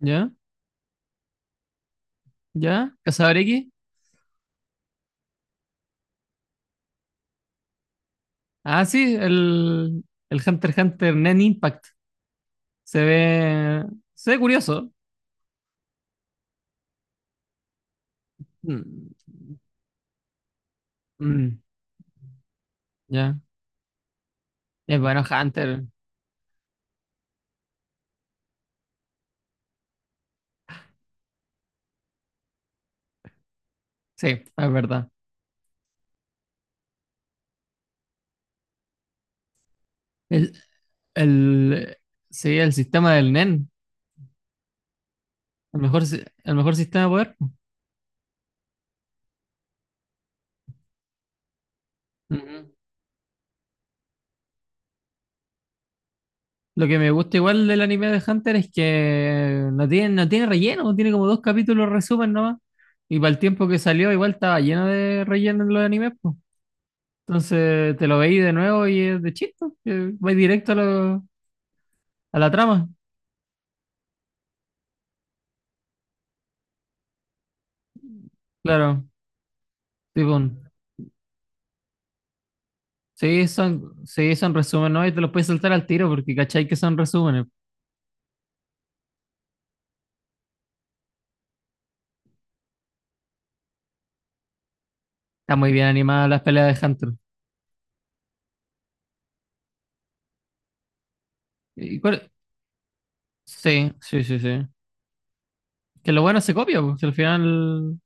¿Ya? ¿Ya? ¿Cazador X? Ah, sí, el Hunter x Hunter Nen Impact. Se ve, se ve curioso. Mm, mm, ya. Es bueno Hunter. Sí, es verdad. El, el, sí, el sistema del Nen. El mejor, el mejor sistema de poder. Ujú. Lo que me gusta igual del anime de Hunter es que no tiene relleno, tiene como dos capítulos resumen nomás. Y para el tiempo que salió, igual estaba lleno de relleno en los animes, pues. Entonces te lo veí de nuevo y es de chiste, que vais directo a la trama. Claro, tipo, sí, son resúmenes, ¿no? Y te los puedes saltar al tiro porque cachai que son resúmenes. Está muy bien animada las peleas de Hunter. ¿Y cuál- Sí, sí, sí, sí. Que lo bueno se copia, pues, al final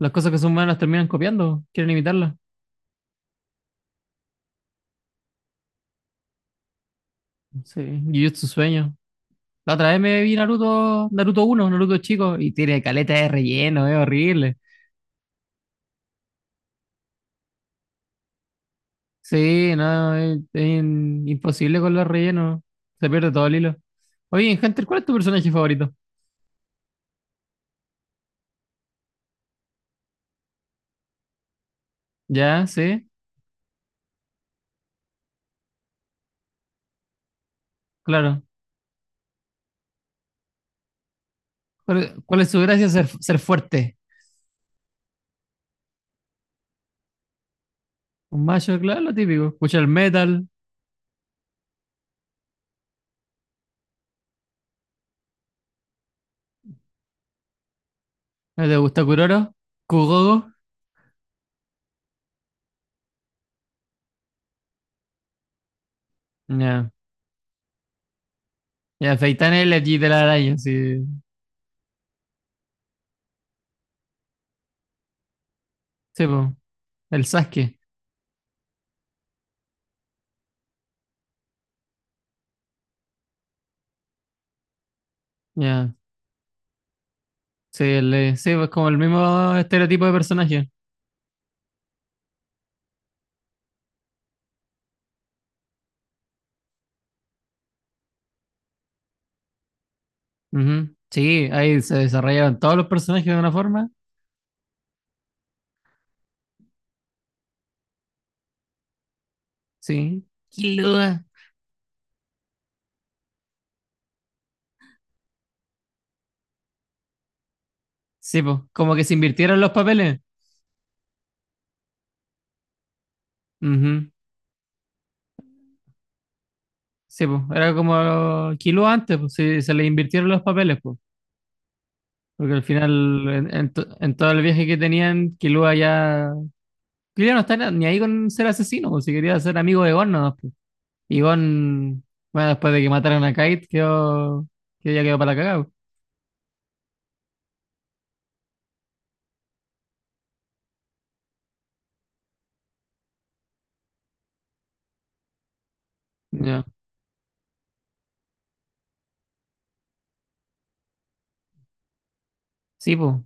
las cosas que son buenas terminan copiando, quieren imitarlas. Sí, Jujutsu Sueño. La otra vez me vi Naruto, Naruto uno, Naruto chico, y tiene caleta de relleno, es horrible. Sí, no, imposible con los rellenos. Se pierde todo el hilo. Oye, en Hunter, ¿cuál es tu personaje favorito? Ya, sí, claro. ¿Cuál es su gracia? Ser fuerte. Un macho, claro, lo típico. Escucha el metal. ¿No te gusta Kuroro? ¿Kugogo? Ya. Ya, Feitan es el Eji de la araña, sí. Sí, po. El Sasuke. Ya. Sí, sí, pues como el mismo estereotipo de personaje. Ujú. Sí, ahí se desarrollaron todos los personajes de una forma. Sí. Killua. Sí, pues, como que se invirtieron los papeles. Ujú. Sí, pues, era como kilo antes, pues, sí, se le invirtieron los papeles, pues. Porque al final, en todo el viaje que tenían, Killua ya... Killua no está ni ahí con ser asesino, pues, si quería ser amigo de Gon, nomás, pues. Y Gon, bueno, después de que mataron a Kite, quedó, que ya quedó para la cagada, pues. Ya. Sí, pues.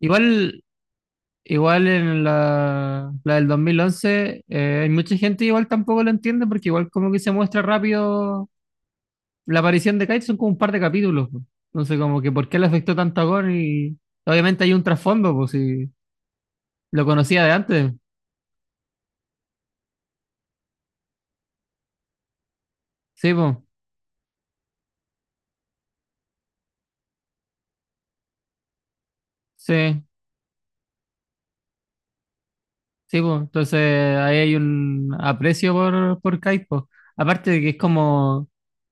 Igual, igual en la del 2011, hay mucha gente igual tampoco lo entiende, porque igual como que se muestra rápido la aparición de Kite son como un par de capítulos. Po. Entonces, como que por qué le afectó tanto a Gon y obviamente hay un trasfondo, pues si lo conocía de antes. Sí, pues. Sí, sí, pues. Entonces ahí hay un aprecio por Kite, pues. Aparte de que es como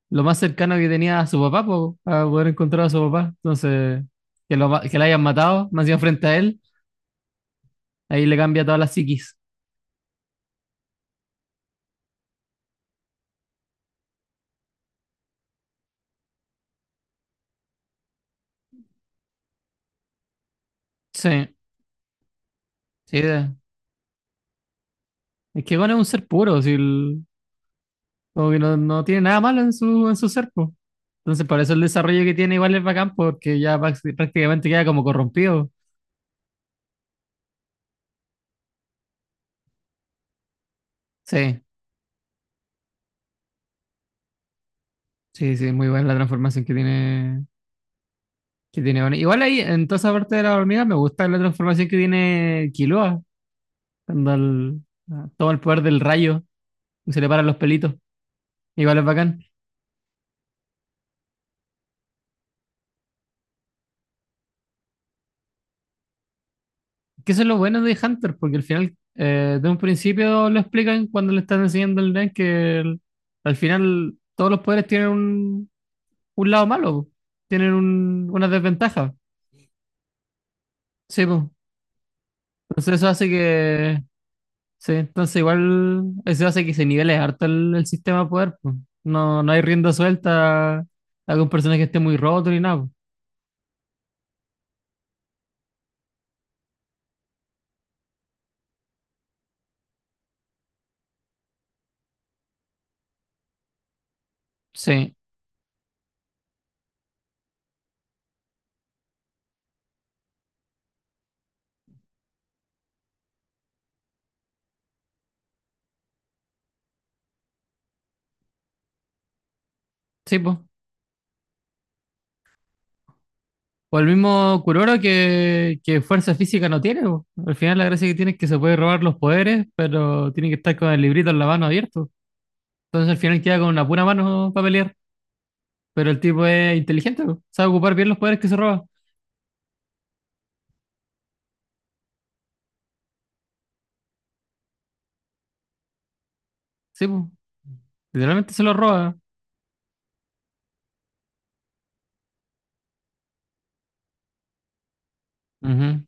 lo más cercano que tenía a su papá, pues, a poder encontrar a su papá. Entonces, que la hayan matado, más bien frente a él, ahí le cambia todas las psiquis. Sí, sí. Es que Gon es un ser puro, como que no tiene nada malo en en su ser, pues. Entonces, por eso el desarrollo que tiene igual es bacán, porque ya prácticamente queda como corrompido. Sí, sí, sí, muy buena la transformación que tiene Bonnie. Igual ahí, en toda esa parte de la hormiga, me gusta la transformación que tiene Killua, cuando el- ah, toma el poder del rayo y se le paran los pelitos. Igual es bacán. Que eso es lo bueno de Hunter, porque al final, de un principio lo explican cuando le están enseñando el Nen, al final todos los poderes tienen un lado malo, po. Tienen un, una desventaja. Sí, pues. Entonces eso hace que, sí, entonces igual eso hace que se nivele harto el sistema de poder, pues. No, no hay rienda suelta a algún personaje que esté muy roto ni nada, pues. Sí, sí, pues. O el mismo Kuroro que fuerza física no tiene, pues. Al final la gracia que tiene es que se puede robar los poderes, pero tiene que estar con el librito en la mano abierto. Entonces al final queda con una pura mano para pelear, pero el tipo es inteligente, pues. Sabe ocupar bien los poderes que se roba. Sí, pues. Literalmente se los roba. Ujú.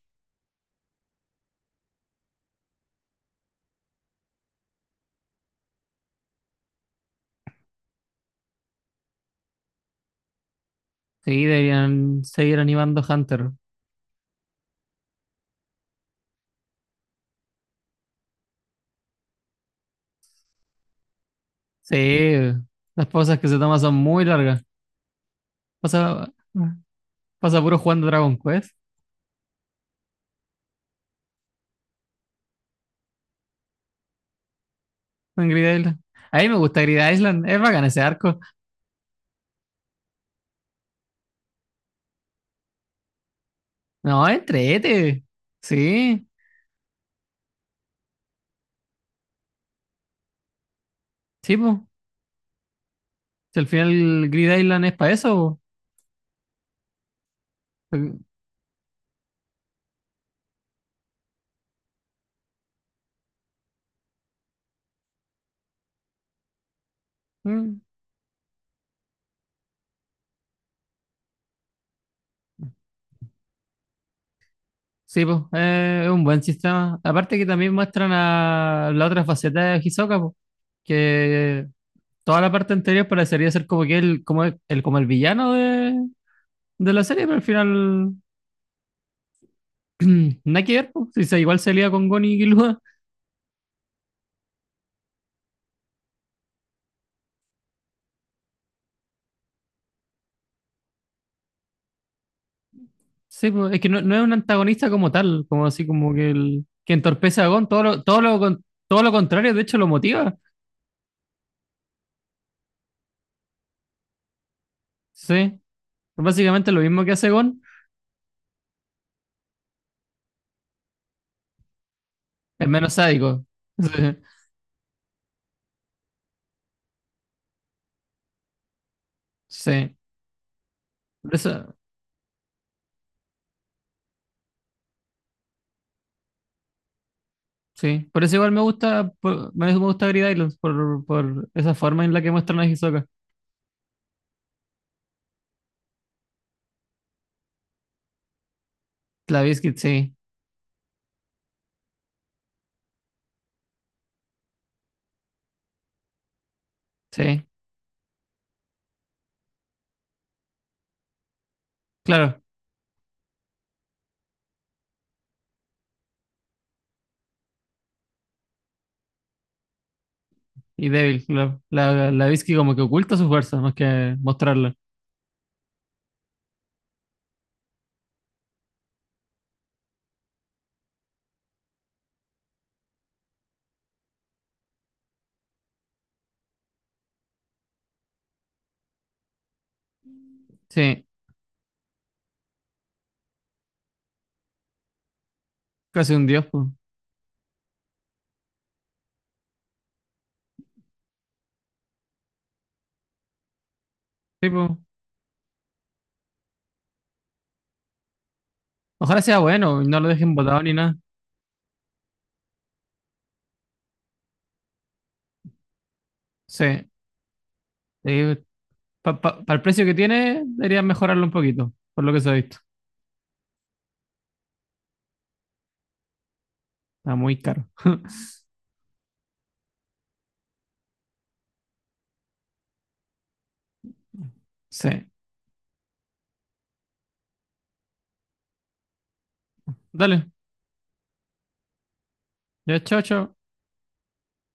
Sí, deberían seguir animando Hunter. Sí, las pausas que se toman son muy largas. Pasa, pasa puro jugando Dragon Quest en Grid Island. A mí me gusta Grid Island, es bacán ese arco. No, entrete. Sí, sí, po. Si al final Grid Island es para eso, po. Mm, sí, po, es un buen sistema. Aparte que también muestran a la otra faceta de Hisoka, po, que toda la parte anterior parecería ser como que él, como como el villano de la serie, pero al final nada que ver, po. Si sí, igual salía con Gon y Killua. Sí, po. Es que no es un antagonista como tal, como así como que el que entorpece a Gon, todo lo contrario, de hecho lo motiva. Sí, básicamente lo mismo que hace Gon, es menos sádico. Sí, sí. Por eso, sí. Por eso igual me gusta, me gusta Grid Islands, por esa forma en la que muestran a Hisoka. La Biscuit, sí, sí, claro. Y débil, claro. La, la Biscuit como que oculta su fuerza, más que mostrarla. Sí, casi un dios, po. Sí, po. Ojalá sea bueno y no lo dejen botado ni nada. Sí. Eh, para el precio que tiene, deberían mejorarlo un poquito, por lo que se ha visto. Está muy caro. Sí. Dale. Ya, chao, chao.